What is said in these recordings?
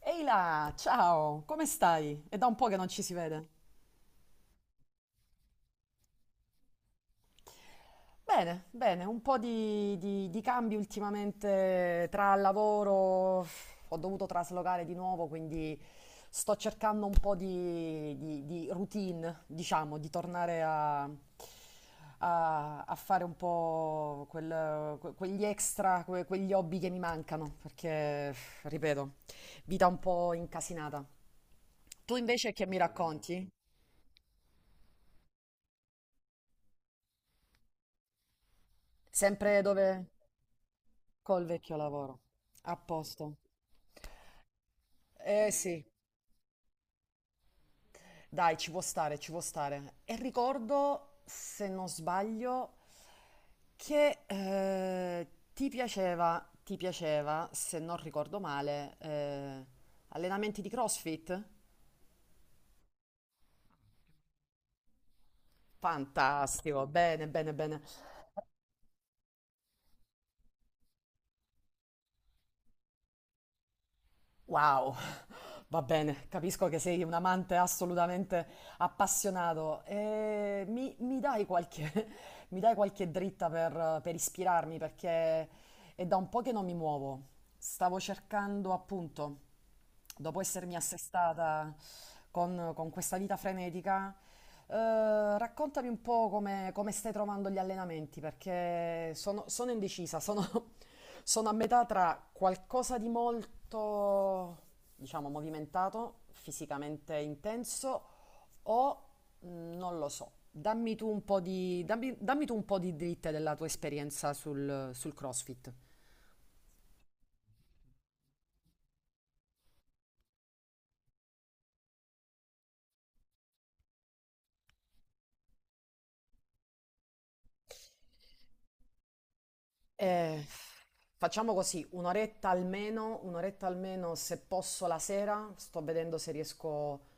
Ehi là, ciao, come stai? È da un po' che non ci si vede. Bene, bene, un po' di cambi ultimamente tra lavoro, ho dovuto traslocare di nuovo, quindi sto cercando un po' di routine, diciamo, di tornare a fare un po' quegli extra, quegli hobby che mi mancano, perché, ripeto, vita un po' incasinata. Tu invece che mi racconti? Sempre dove? Col vecchio lavoro. A posto. Eh sì, dai, ci può stare, ci può stare. E ricordo, se non sbaglio, che ti piaceva, se non ricordo male, allenamenti di CrossFit? Fantastico, bene, bene, bene. Wow, va bene, capisco che sei un amante assolutamente appassionato. E mi dai qualche, mi dai qualche dritta per ispirarmi perché è da un po' che non mi muovo. Stavo cercando appunto dopo essermi assestata con questa vita frenetica, raccontami un po' come stai trovando gli allenamenti, perché sono indecisa, sono, sono a metà tra qualcosa di molto, diciamo, movimentato, fisicamente intenso, o mm, non lo so. Dammi tu un po' di, dammi, dammi tu un po' di dritte della tua esperienza sul CrossFit. Eh, facciamo così, un'oretta almeno se posso la sera, sto vedendo se riesco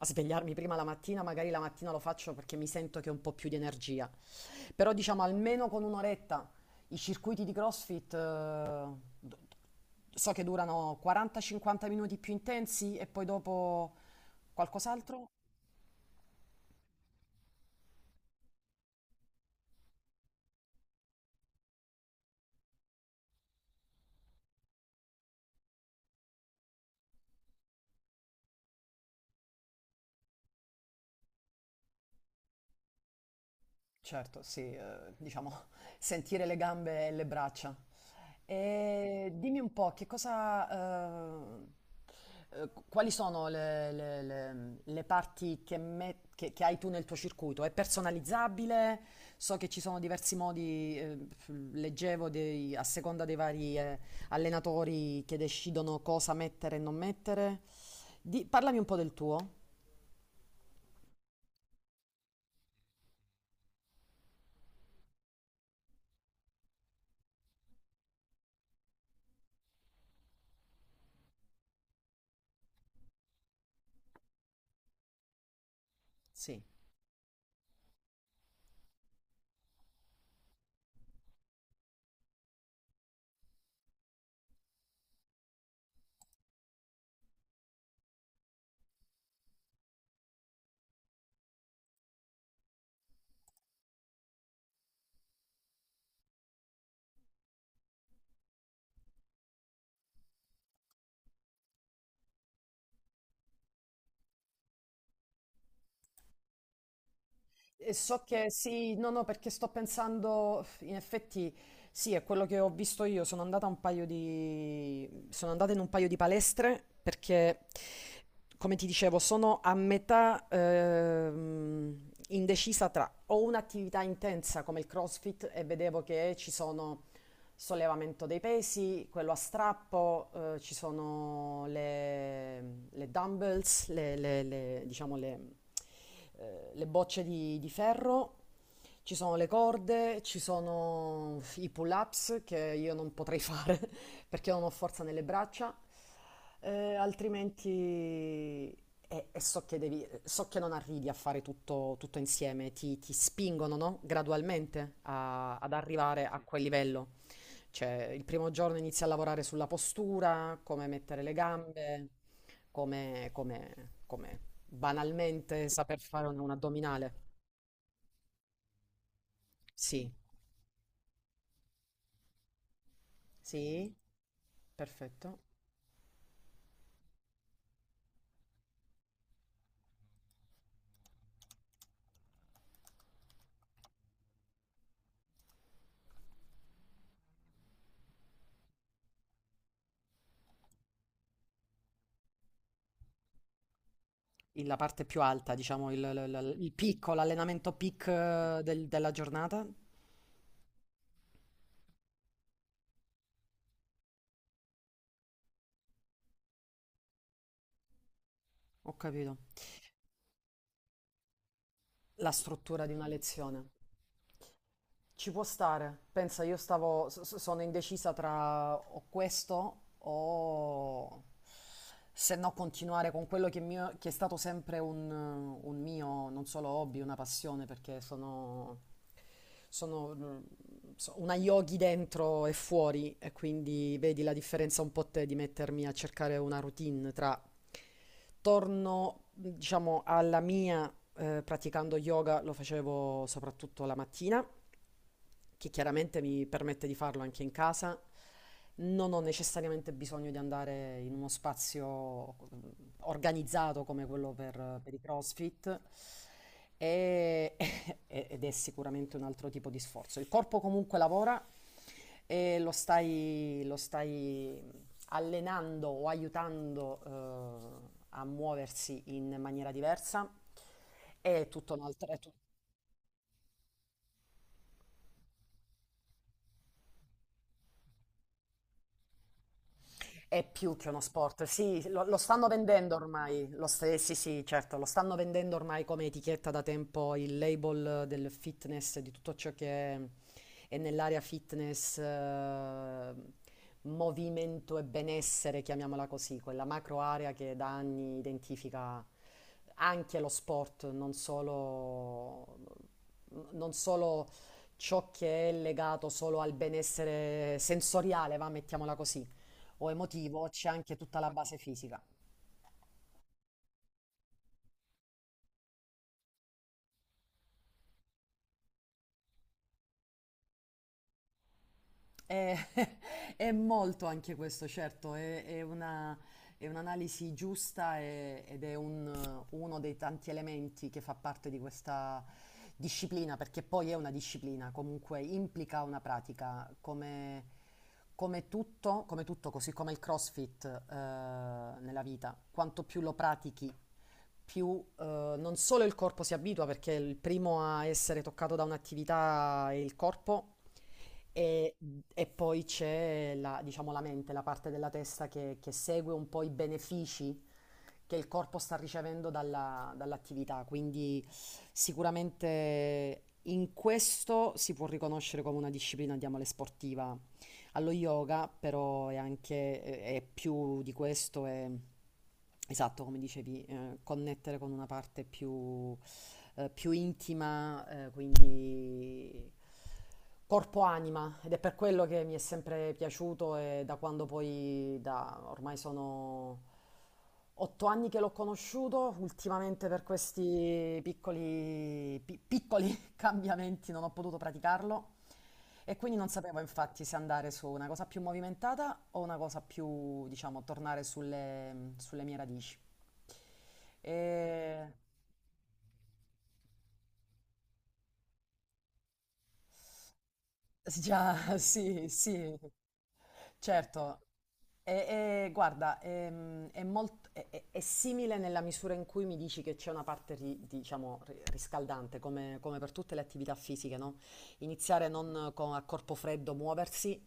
a svegliarmi prima la mattina, magari la mattina lo faccio perché mi sento che ho un po' più di energia. Però diciamo almeno con un'oretta i circuiti di CrossFit d- so che durano 40-50 minuti più intensi e poi dopo qualcos'altro. Certo, sì, diciamo sentire le gambe e le braccia. E dimmi un po' che cosa, ehm, quali sono le, le parti che, che hai tu nel tuo circuito? È personalizzabile? So che ci sono diversi modi, leggevo a seconda dei vari, allenatori che decidono cosa mettere e non mettere. Parlami un po' del tuo. Sì. E so che sì, no, no, perché sto pensando, in effetti, sì, è quello che ho visto io. Sono andata a un paio di... sono andata in un paio di palestre perché, come ti dicevo, sono a metà indecisa tra o un'attività intensa come il CrossFit e vedevo che ci sono sollevamento dei pesi, quello a strappo, ci sono le dumbbells, le, diciamo le, le bocce di ferro. Ci sono le corde, ci sono i pull-ups che io non potrei fare perché non ho forza nelle braccia, altrimenti e so che devi, so che non arrivi a fare tutto, tutto insieme, ti spingono, no? Gradualmente ad arrivare a Sì. quel livello. Cioè, il primo giorno inizi a lavorare sulla postura, come mettere le gambe, come, come banalmente saper fare un addominale. Sì, Sì, perfetto. La parte più alta, diciamo, il, il picco, l'allenamento peak della giornata. Ho capito. La struttura di una lezione. Ci può stare. Pensa, io stavo, sono indecisa tra o questo o se no continuare con quello che, è che è stato sempre un mio, non solo hobby, una passione, perché sono, sono mm, una yogi dentro e fuori e quindi vedi la differenza un po' te di mettermi a cercare una routine tra torno, diciamo, alla mia, praticando yoga, lo facevo soprattutto la mattina che chiaramente mi permette di farlo anche in casa. Non ho necessariamente bisogno di andare in uno spazio mm, organizzato come quello per i CrossFit e- ed è sicuramente un altro tipo di sforzo. Il corpo comunque lavora e lo stai allenando o aiutando a muoversi in maniera diversa. È tutto un altro, È più che uno sport, sì, lo, lo stanno vendendo ormai, sì, sì, certo, lo stanno vendendo ormai come etichetta da tempo il label del fitness, di tutto ciò che è nell'area fitness, movimento e benessere, chiamiamola così, quella macro area che da anni identifica anche lo sport, non solo non solo ciò che è legato solo al benessere sensoriale, va, mettiamola così, o emotivo, c'è anche tutta la base fisica. È, è molto anche questo, certo, è è un'analisi giusta ed è uno dei tanti elementi che fa parte di questa disciplina, perché poi è una disciplina, comunque implica una pratica, come, come tutto, così come il CrossFit, nella vita. Quanto più lo pratichi, più non solo il corpo si abitua, perché il primo a essere toccato da un'attività è il corpo, e, e poi c'è la, diciamo, la mente, la parte della testa che segue un po' i benefici che il corpo sta ricevendo dall'attività. Quindi sicuramente in questo si può riconoscere come una disciplina, chiamale sportiva, allo yoga però è anche, è più di questo, è esatto, come dicevi, connettere con una parte più, più intima, quindi corpo-anima. Ed è per quello che mi è sempre piaciuto e da quando poi, da, ormai sono 8 anni che l'ho conosciuto, ultimamente per questi piccoli, piccoli cambiamenti non ho potuto praticarlo e quindi non sapevo infatti se andare su una cosa più movimentata o una cosa più, diciamo, tornare sulle, sulle mie radici. E... Già, sì, sì, Certo, e guarda, è, è simile nella misura in cui mi dici che c'è una parte, diciamo, riscaldante, come, come per tutte le attività fisiche, no? Iniziare non a corpo freddo, muoversi,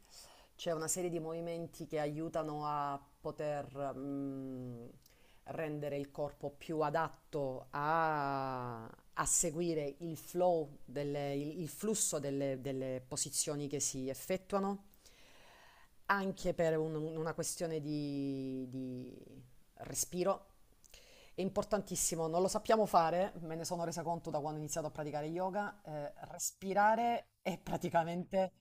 c'è una serie di movimenti che aiutano a poter, mm, rendere il corpo più adatto a, a seguire il flow, il flusso delle delle posizioni che si effettuano anche per una questione di respiro. È importantissimo, non lo sappiamo fare, me ne sono resa conto da quando ho iniziato a praticare yoga, respirare è praticamente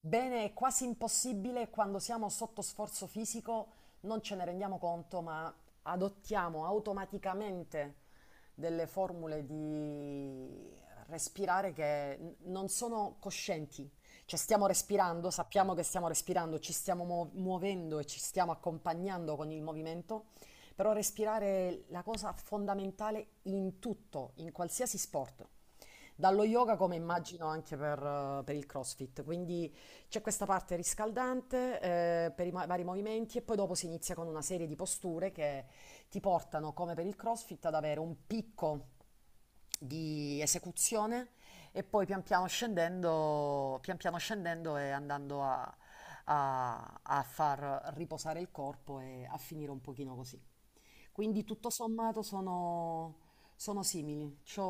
bene, è quasi impossibile quando siamo sotto sforzo fisico, non ce ne rendiamo conto, ma adottiamo automaticamente delle formule di respirare che non sono coscienti cioè stiamo respirando, sappiamo che stiamo respirando, ci stiamo muovendo e ci stiamo accompagnando con il movimento, però respirare è la cosa fondamentale in tutto, in qualsiasi sport. Dallo yoga come immagino anche per il CrossFit, quindi c'è questa parte riscaldante per i vari movimenti e poi dopo si inizia con una serie di posture che ti portano, come per il CrossFit, ad avere un picco di esecuzione e poi pian piano scendendo e andando a, a far riposare il corpo e a finire un pochino così. Quindi tutto sommato sono, sono simili.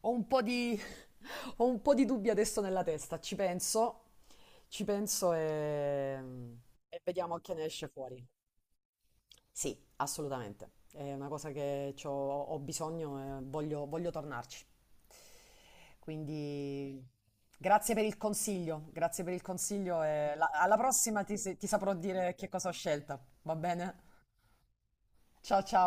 Ho un po' di, ho un po' di dubbi adesso nella testa, ci penso e vediamo che ne esce fuori. Sì, assolutamente. È una cosa che ho bisogno e voglio, voglio tornarci. Quindi grazie per il consiglio, grazie per il consiglglio e alla prossima ti saprò dire che cosa ho scelto. Va bene? Ciao ciao.